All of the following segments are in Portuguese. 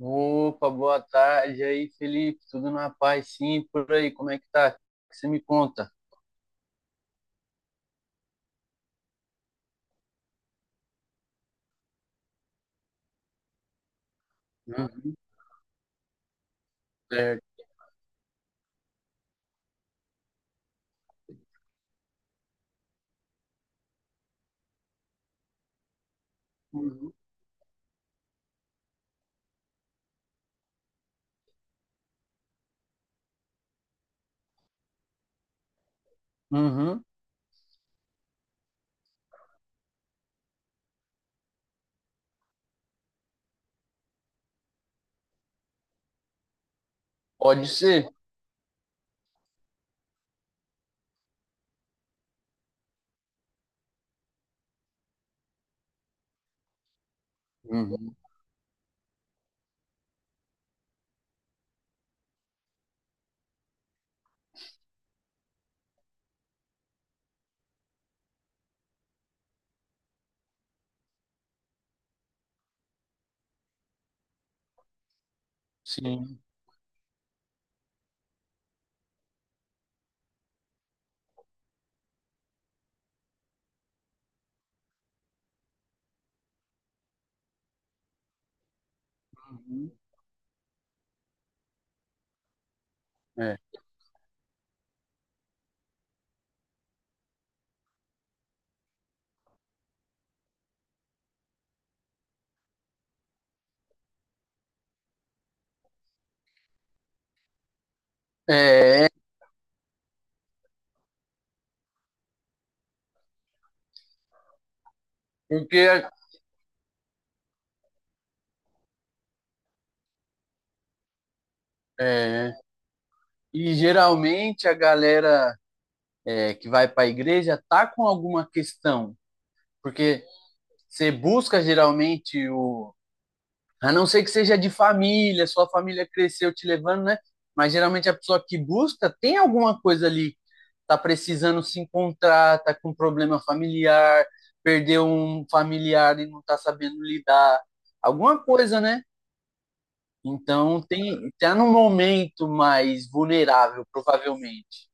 Opa, boa tarde aí, Felipe. Tudo na paz, sim, por aí. Como é que tá? O que você me conta? Uhum, certo. Uhum. Uhum. Pode ser. Uhum. Sim. Uhum. É. É, porque é, e geralmente a galera que vai para a igreja tá com alguma questão, porque você busca geralmente o A não ser que seja de família, sua família cresceu te levando, né? Mas geralmente a pessoa que busca tem alguma coisa ali, tá precisando se encontrar, tá com problema familiar, perdeu um familiar e não tá sabendo lidar, alguma coisa, né? Então tem tá num momento mais vulnerável, provavelmente.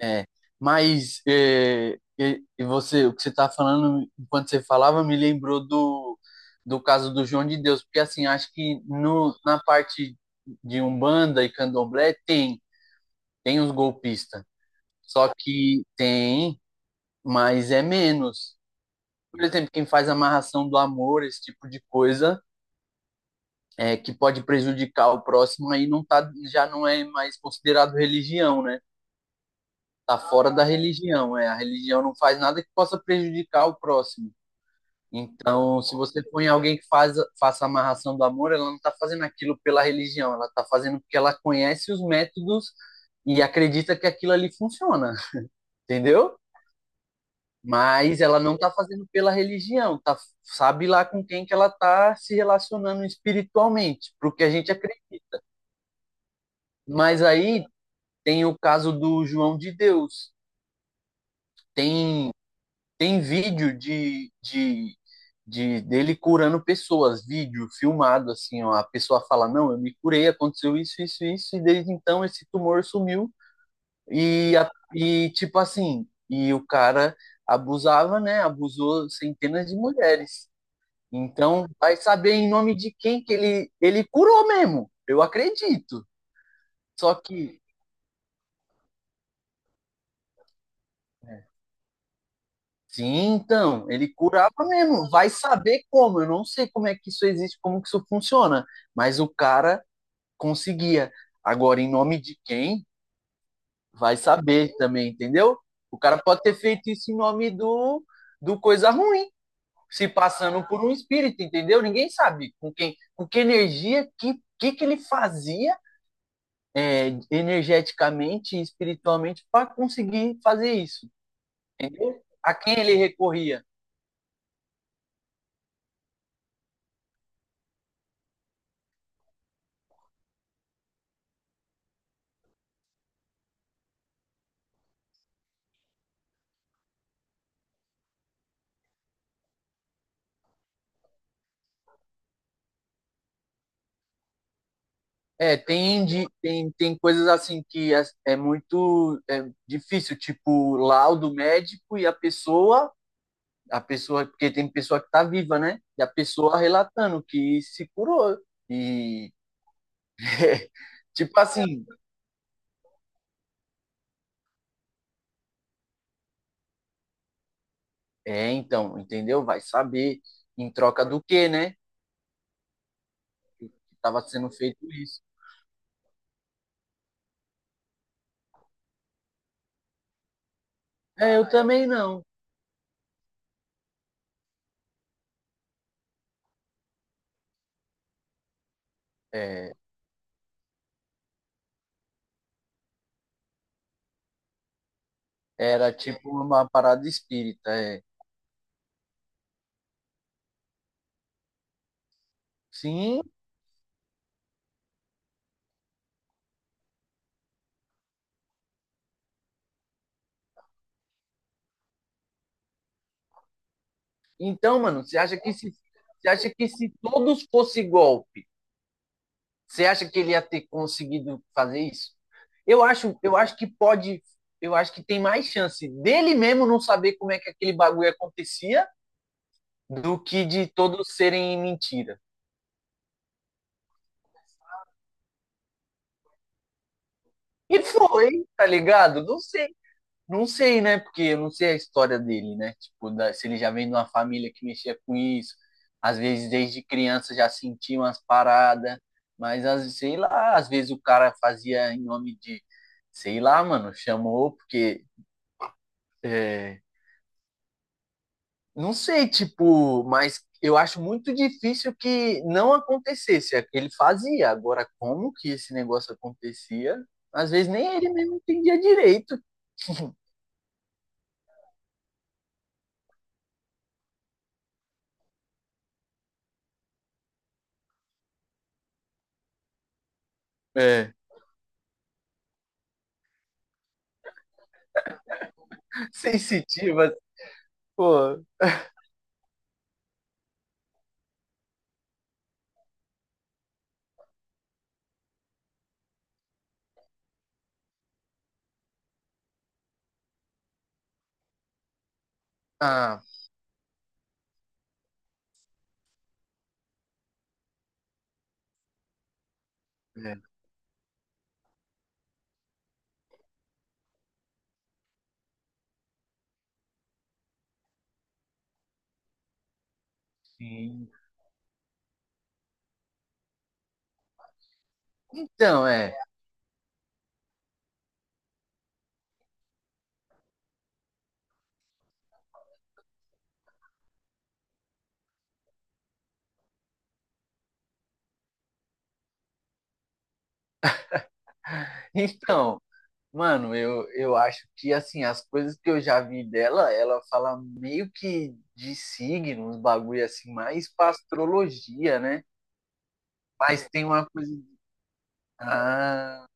É, e você, o que você está falando, enquanto você falava, me lembrou do caso do João de Deus, porque assim, acho que no, na parte de Umbanda e Candomblé tem os golpistas, só que tem, mas é menos. Por exemplo, quem faz amarração do amor, esse tipo de coisa, é, que pode prejudicar o próximo, aí não tá, já não é mais considerado religião, né? Tá fora da religião, é. A religião não faz nada que possa prejudicar o próximo. Então, se você põe alguém faça a amarração do amor, ela não está fazendo aquilo pela religião, ela está fazendo porque ela conhece os métodos e acredita que aquilo ali funciona, entendeu? Mas ela não está fazendo pela religião, tá, sabe lá com quem que ela está se relacionando espiritualmente, porque a gente acredita. Mas aí tem o caso do João de Deus, tem. Tem vídeo de dele curando pessoas, vídeo filmado, assim, ó, a pessoa fala, não, eu me curei, aconteceu isso, isso, isso, e desde então esse tumor sumiu. E, a- e tipo assim, e o cara abusava, né? Abusou centenas de mulheres. Então, vai saber em nome de quem que ele curou mesmo. Eu acredito. Só que né, sim, então, ele curava mesmo. Vai saber como. Eu não sei como é que isso existe, como que isso funciona. Mas o cara conseguia. Agora, em nome de quem? Vai saber também, entendeu? O cara pode ter feito isso em nome do coisa ruim, se passando por um espírito, entendeu? Ninguém sabe com quem, com que energia, que que ele fazia energeticamente e espiritualmente para conseguir fazer isso. A quem ele recorria? Tem coisas assim que é muito é difícil, tipo laudo médico e a pessoa, porque tem pessoa que tá viva, né? E a pessoa relatando que se curou. E tipo assim, é, então, entendeu? Vai saber em troca do quê, né? Que tava sendo feito isso. É, eu também não. É, era tipo uma parada espírita, é. Sim. Então, mano, você acha que se todos fosse golpe. Você acha que ele ia ter conseguido fazer isso? Eu acho que pode, eu acho que tem mais chance dele mesmo não saber como é que aquele bagulho acontecia do que de todos serem mentira. E foi, tá ligado? Não sei. Não sei, né? Porque eu não sei a história dele, né? Tipo, da- se ele já vem de uma família que mexia com isso. Às vezes, desde criança, já sentia umas paradas. Mas, às- sei lá, às vezes o cara fazia em nome de... Sei lá, mano, chamou porque... é, não sei, tipo, mas eu acho muito difícil que não acontecesse. Ele fazia. Agora, como que esse negócio acontecia? Às vezes nem ele mesmo entendia direito. É. Sensitiva, assim, pô. Ah, é. Sim. Então, é. Então, mano, eu acho que, assim, as coisas que eu já vi dela, ela fala meio que de signos, bagulho assim, mais pra astrologia, né? Mas tem uma coisa. Ah.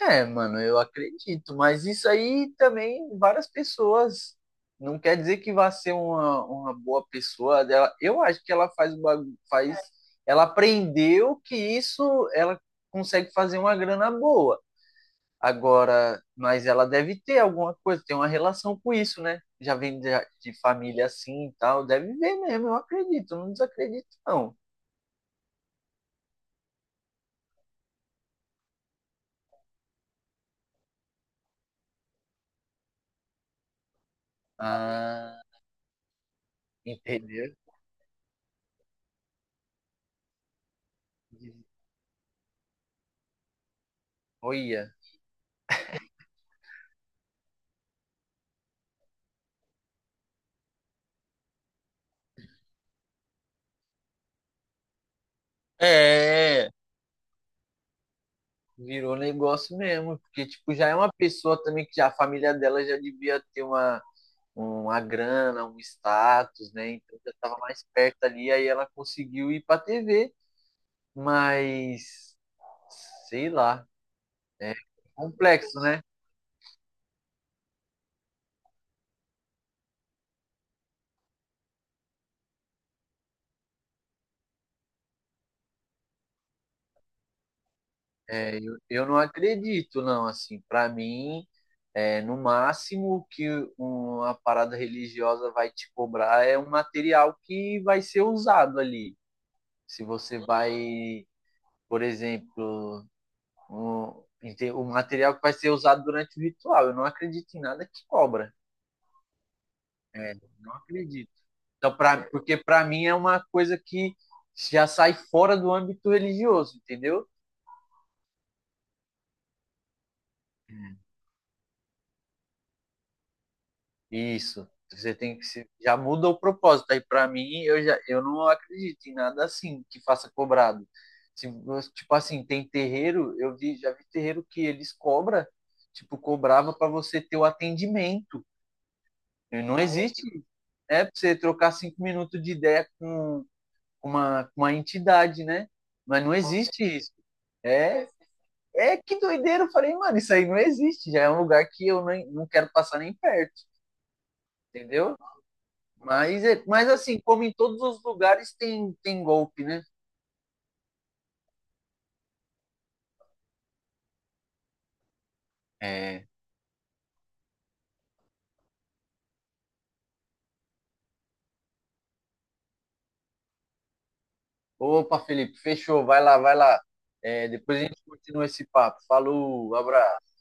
É, mano, eu acredito, mas isso aí também várias pessoas. Não quer dizer que vá ser uma boa pessoa dela. Eu acho que ela faz o bagu- faz, ela aprendeu que isso ela consegue fazer uma grana boa. Agora, mas ela deve ter alguma coisa, tem uma relação com isso, né? Já vem de família assim e tal, deve ver mesmo, eu acredito, não desacredito não. Ah, entendeu? Olha. É. Virou negócio mesmo, porque tipo, já é uma pessoa também que já, a família dela já devia ter uma grana, um status, né? Então já estava mais perto ali, aí ela conseguiu ir para TV, mas sei lá, é complexo, né? Eu não acredito, não, assim, para mim, é, no máximo que uma parada religiosa vai te cobrar é um material que vai ser usado ali. Se você vai, por exemplo, o, o material que vai ser usado durante o ritual. Eu não acredito em nada que cobra. É, não acredito. Então, pra, porque para mim é uma coisa que já sai fora do âmbito religioso, entendeu? Hum. Isso. Você tem que se, já muda o propósito. Aí para mim eu não acredito em nada assim que faça cobrado. Se, tipo assim, tem terreiro, já vi terreiro que eles cobram tipo cobrava para você ter o atendimento. Não existe né? Para você trocar cinco minutos de ideia com com uma entidade, né? Mas não existe isso. É, é que doideira. Eu falei, mano, isso aí não existe. Já é um lugar que eu nem, não quero passar nem perto, entendeu? Mas, é, mas assim, como em todos os lugares tem, tem golpe, né? É. Opa, Felipe, fechou. Vai lá, vai lá. É, depois a gente continua esse papo. Falou, abraço.